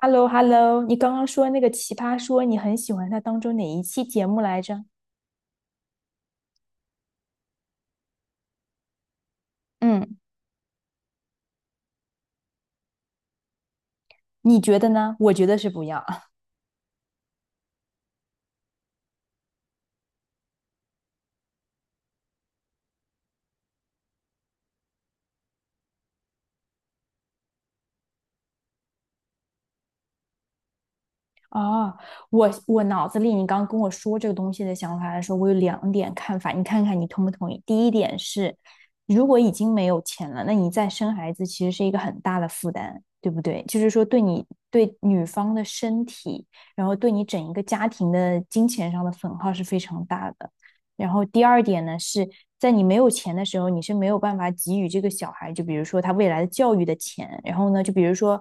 Hello, hello, 你刚刚说那个《奇葩说》，你很喜欢它当中哪一期节目来着？嗯，你觉得呢？我觉得是不要。哦，我脑子里你刚跟我说这个东西的想法来说，我有两点看法，你看看你同不同意？第一点是，如果已经没有钱了，那你再生孩子其实是一个很大的负担，对不对？就是说对你对女方的身体，然后对你整一个家庭的金钱上的损耗是非常大的。然后第二点呢是，在你没有钱的时候，你是没有办法给予这个小孩，就比如说他未来的教育的钱。然后呢，就比如说，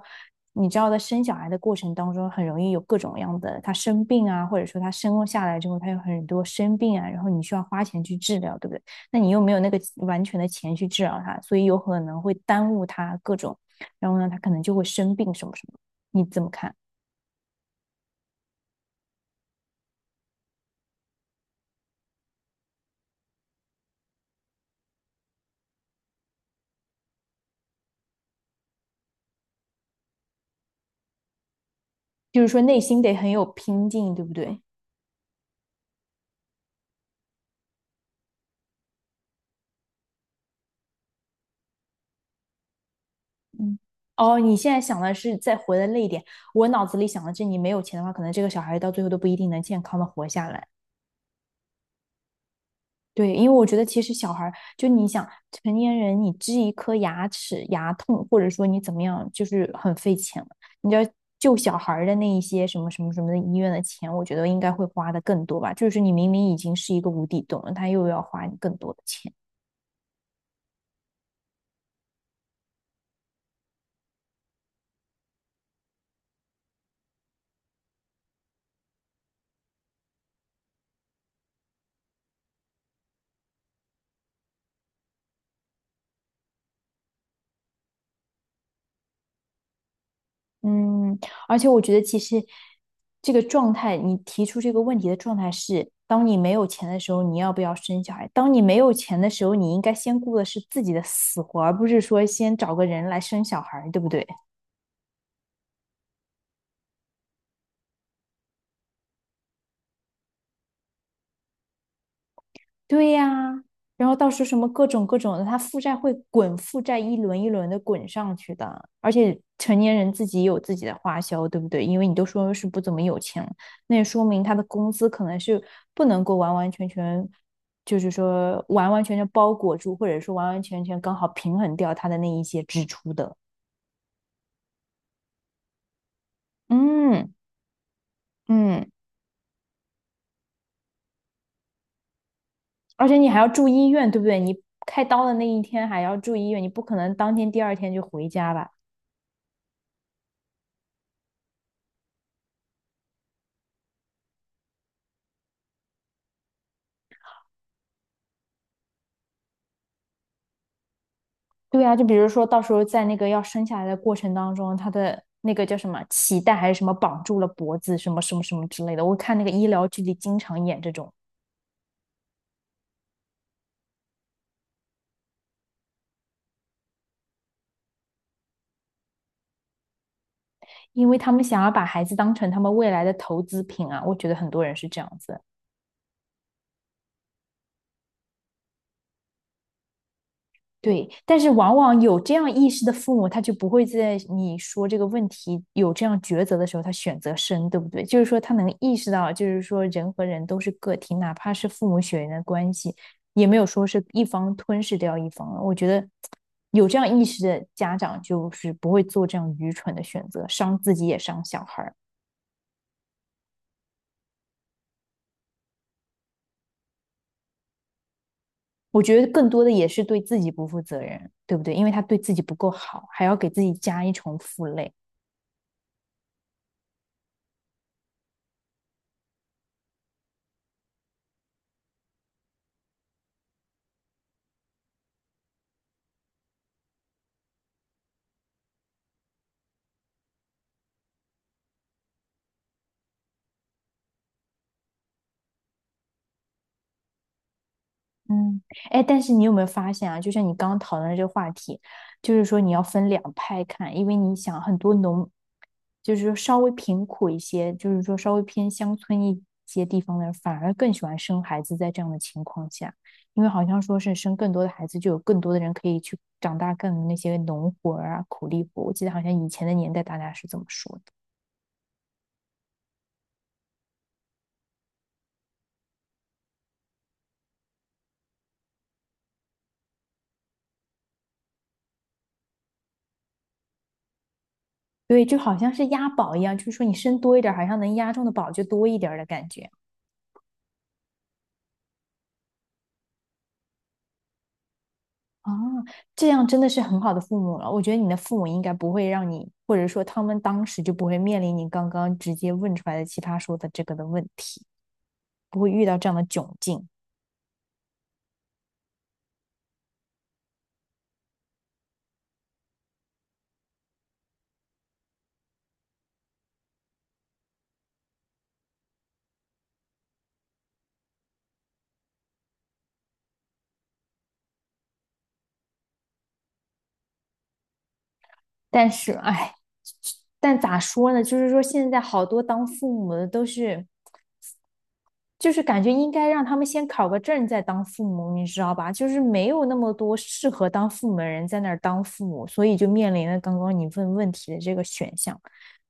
你知道在生小孩的过程当中，很容易有各种样的，他生病啊，或者说他生下来之后，他有很多生病啊，然后你需要花钱去治疗，对不对？那你又没有那个完全的钱去治疗他，所以有可能会耽误他各种，然后呢，他可能就会生病什么什么。你怎么看？就是说内心得很有拼劲，对不对？嗯，哦，你现在想的是再活得累一点，我脑子里想的是你没有钱的话，可能这个小孩到最后都不一定能健康的活下来。对，因为我觉得其实小孩儿，就你想成年人，你治一颗牙齿牙痛，或者说你怎么样，就是很费钱了。你要救小孩儿的那一些什么什么什么的医院的钱，我觉得应该会花的更多吧。就是你明明已经是一个无底洞了，他又要花你更多的钱。嗯，而且我觉得其实这个状态，你提出这个问题的状态是：当你没有钱的时候，你要不要生小孩？当你没有钱的时候，你应该先顾的是自己的死活，而不是说先找个人来生小孩，对不对？对呀，然后到时候什么各种各种的，他负债会滚，负债一轮一轮的滚上去的。而且成年人自己也有自己的花销，对不对？因为你都说是不怎么有钱了，那也说明他的工资可能是不能够完完全全，就是说完完全全包裹住，或者说完完全全刚好平衡掉他的那一些支出的。嗯嗯，而且你还要住医院，对不对？你开刀的那一天还要住医院，你不可能当天第二天就回家吧？对啊，就比如说到时候在那个要生下来的过程当中，他的那个叫什么脐带还是什么绑住了脖子，什么什么什么之类的。我看那个医疗剧里经常演这种，因为他们想要把孩子当成他们未来的投资品啊，我觉得很多人是这样子。对，但是往往有这样意识的父母，他就不会在你说这个问题有这样抉择的时候，他选择生，对不对？就是说，他能意识到，就是说，人和人都是个体，哪怕是父母血缘的关系，也没有说是一方吞噬掉一方了。我觉得有这样意识的家长，就是不会做这样愚蠢的选择，伤自己也伤小孩儿。我觉得更多的也是对自己不负责任，对不对？因为他对自己不够好，还要给自己加一重负累。嗯，哎，但是你有没有发现啊？就像你刚刚讨论的这个话题，就是说你要分两派看，因为你想很多农，就是说稍微贫苦一些，就是说稍微偏乡村一些地方的人，反而更喜欢生孩子，在这样的情况下，因为好像说是生更多的孩子，就有更多的人可以去长大更那些农活儿啊、苦力活。我记得好像以前的年代大家是这么说的，对，就好像是押宝一样，就是说你生多一点儿，好像能押中的宝就多一点儿的感觉。啊，这样真的是很好的父母了。我觉得你的父母应该不会让你，或者说他们当时就不会面临你刚刚直接问出来的奇葩说的这个的问题，不会遇到这样的窘境。但是，哎，但咋说呢？就是说现在好多当父母的都是。就是感觉应该让他们先考个证再当父母，你知道吧？就是没有那么多适合当父母的人在那儿当父母，所以就面临了刚刚你问问题的这个选项，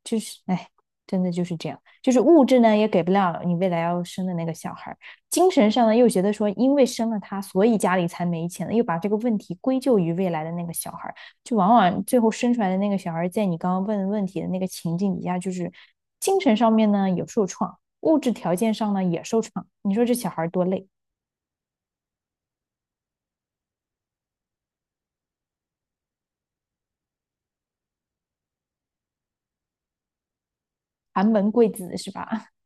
就是哎，真的就是这样，就是物质呢也给不了你未来要生的那个小孩儿，精神上呢又觉得说因为生了他，所以家里才没钱了，又把这个问题归咎于未来的那个小孩儿，就往往最后生出来的那个小孩儿在你刚刚问的问题的那个情境底下，就是精神上面呢有受创。物质条件上呢也受创。你说这小孩多累，寒门贵子是吧？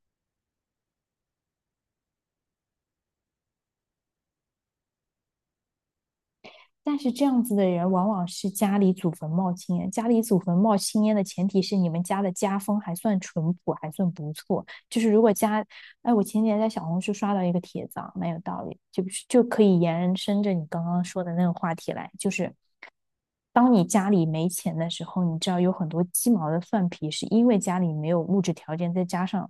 但是这样子的人往往是家里祖坟冒青烟，家里祖坟冒青烟的前提是你们家的家风还算淳朴，还算不错。就是如果家，哎，我前几天在小红书刷到一个帖子啊，蛮有道理，就可以延伸着你刚刚说的那个话题来，就是当你家里没钱的时候，你知道有很多鸡毛的蒜皮，是因为家里没有物质条件，再加上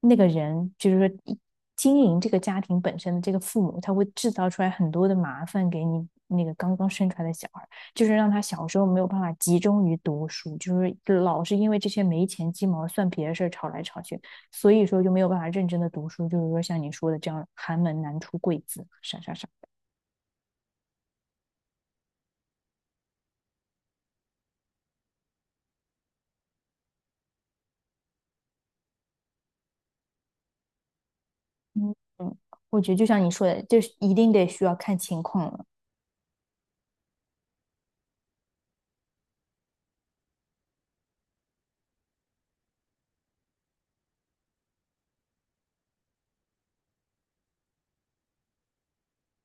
那个人，就是说经营这个家庭本身的这个父母，他会制造出来很多的麻烦给你那个刚刚生出来的小孩，就是让他小时候没有办法集中于读书，就是老是因为这些没钱鸡毛蒜皮的事儿吵来吵去，所以说就没有办法认真的读书，就是说像你说的这样寒门难出贵子，啥啥啥。嗯嗯，我觉得就像你说的，就是一定得需要看情况了。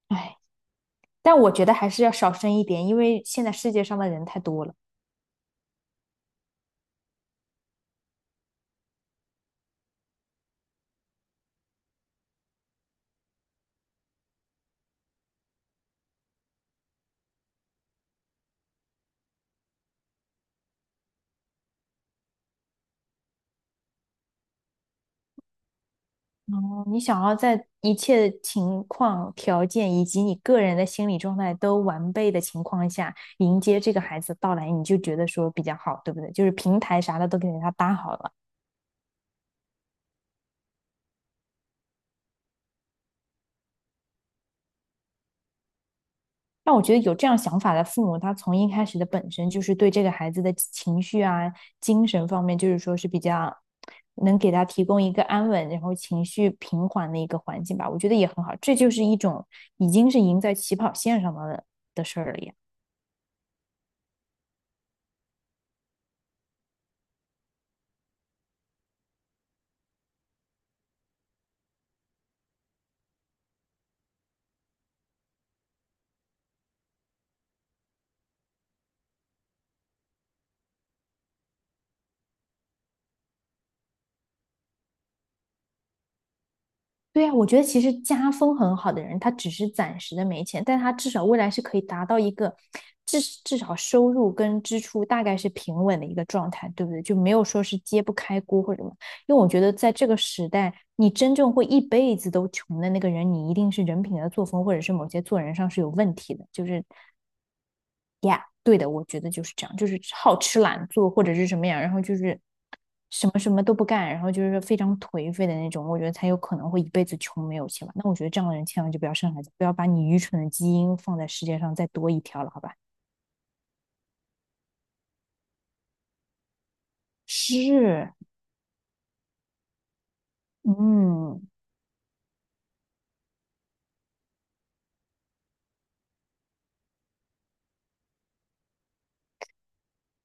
哎，但我觉得还是要少生一点，因为现在世界上的人太多了。哦，你想要在一切情况、条件以及你个人的心理状态都完备的情况下，迎接这个孩子的到来，你就觉得说比较好，对不对？就是平台啥的都给他搭好了。但我觉得有这样想法的父母，他从一开始的本身就是对这个孩子的情绪啊、精神方面，就是说是比较能给他提供一个安稳，然后情绪平缓的一个环境吧。我觉得也很好，这就是一种已经是赢在起跑线上的的事儿了。对呀，我觉得其实家风很好的人，他只是暂时的没钱，但他至少未来是可以达到一个至少收入跟支出大概是平稳的一个状态，对不对？就没有说是揭不开锅或者什么。因为我觉得在这个时代，你真正会一辈子都穷的那个人，你一定是人品的作风或者是某些做人上是有问题的，就是呀，对的，我觉得就是这样，就是好吃懒做或者是什么样，然后就是什么什么都不干，然后就是非常颓废的那种，我觉得才有可能会一辈子穷没有钱吧。那我觉得这样的人千万就不要生孩子，不要把你愚蠢的基因放在世界上再多一条了，好吧？是，嗯，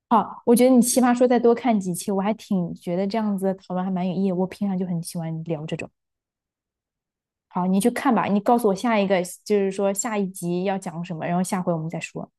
好，我觉得你奇葩说再多看几期，我还挺觉得这样子的讨论还蛮有意义的，我平常就很喜欢聊这种。好，你去看吧，你告诉我下一个，就是说下一集要讲什么，然后下回我们再说。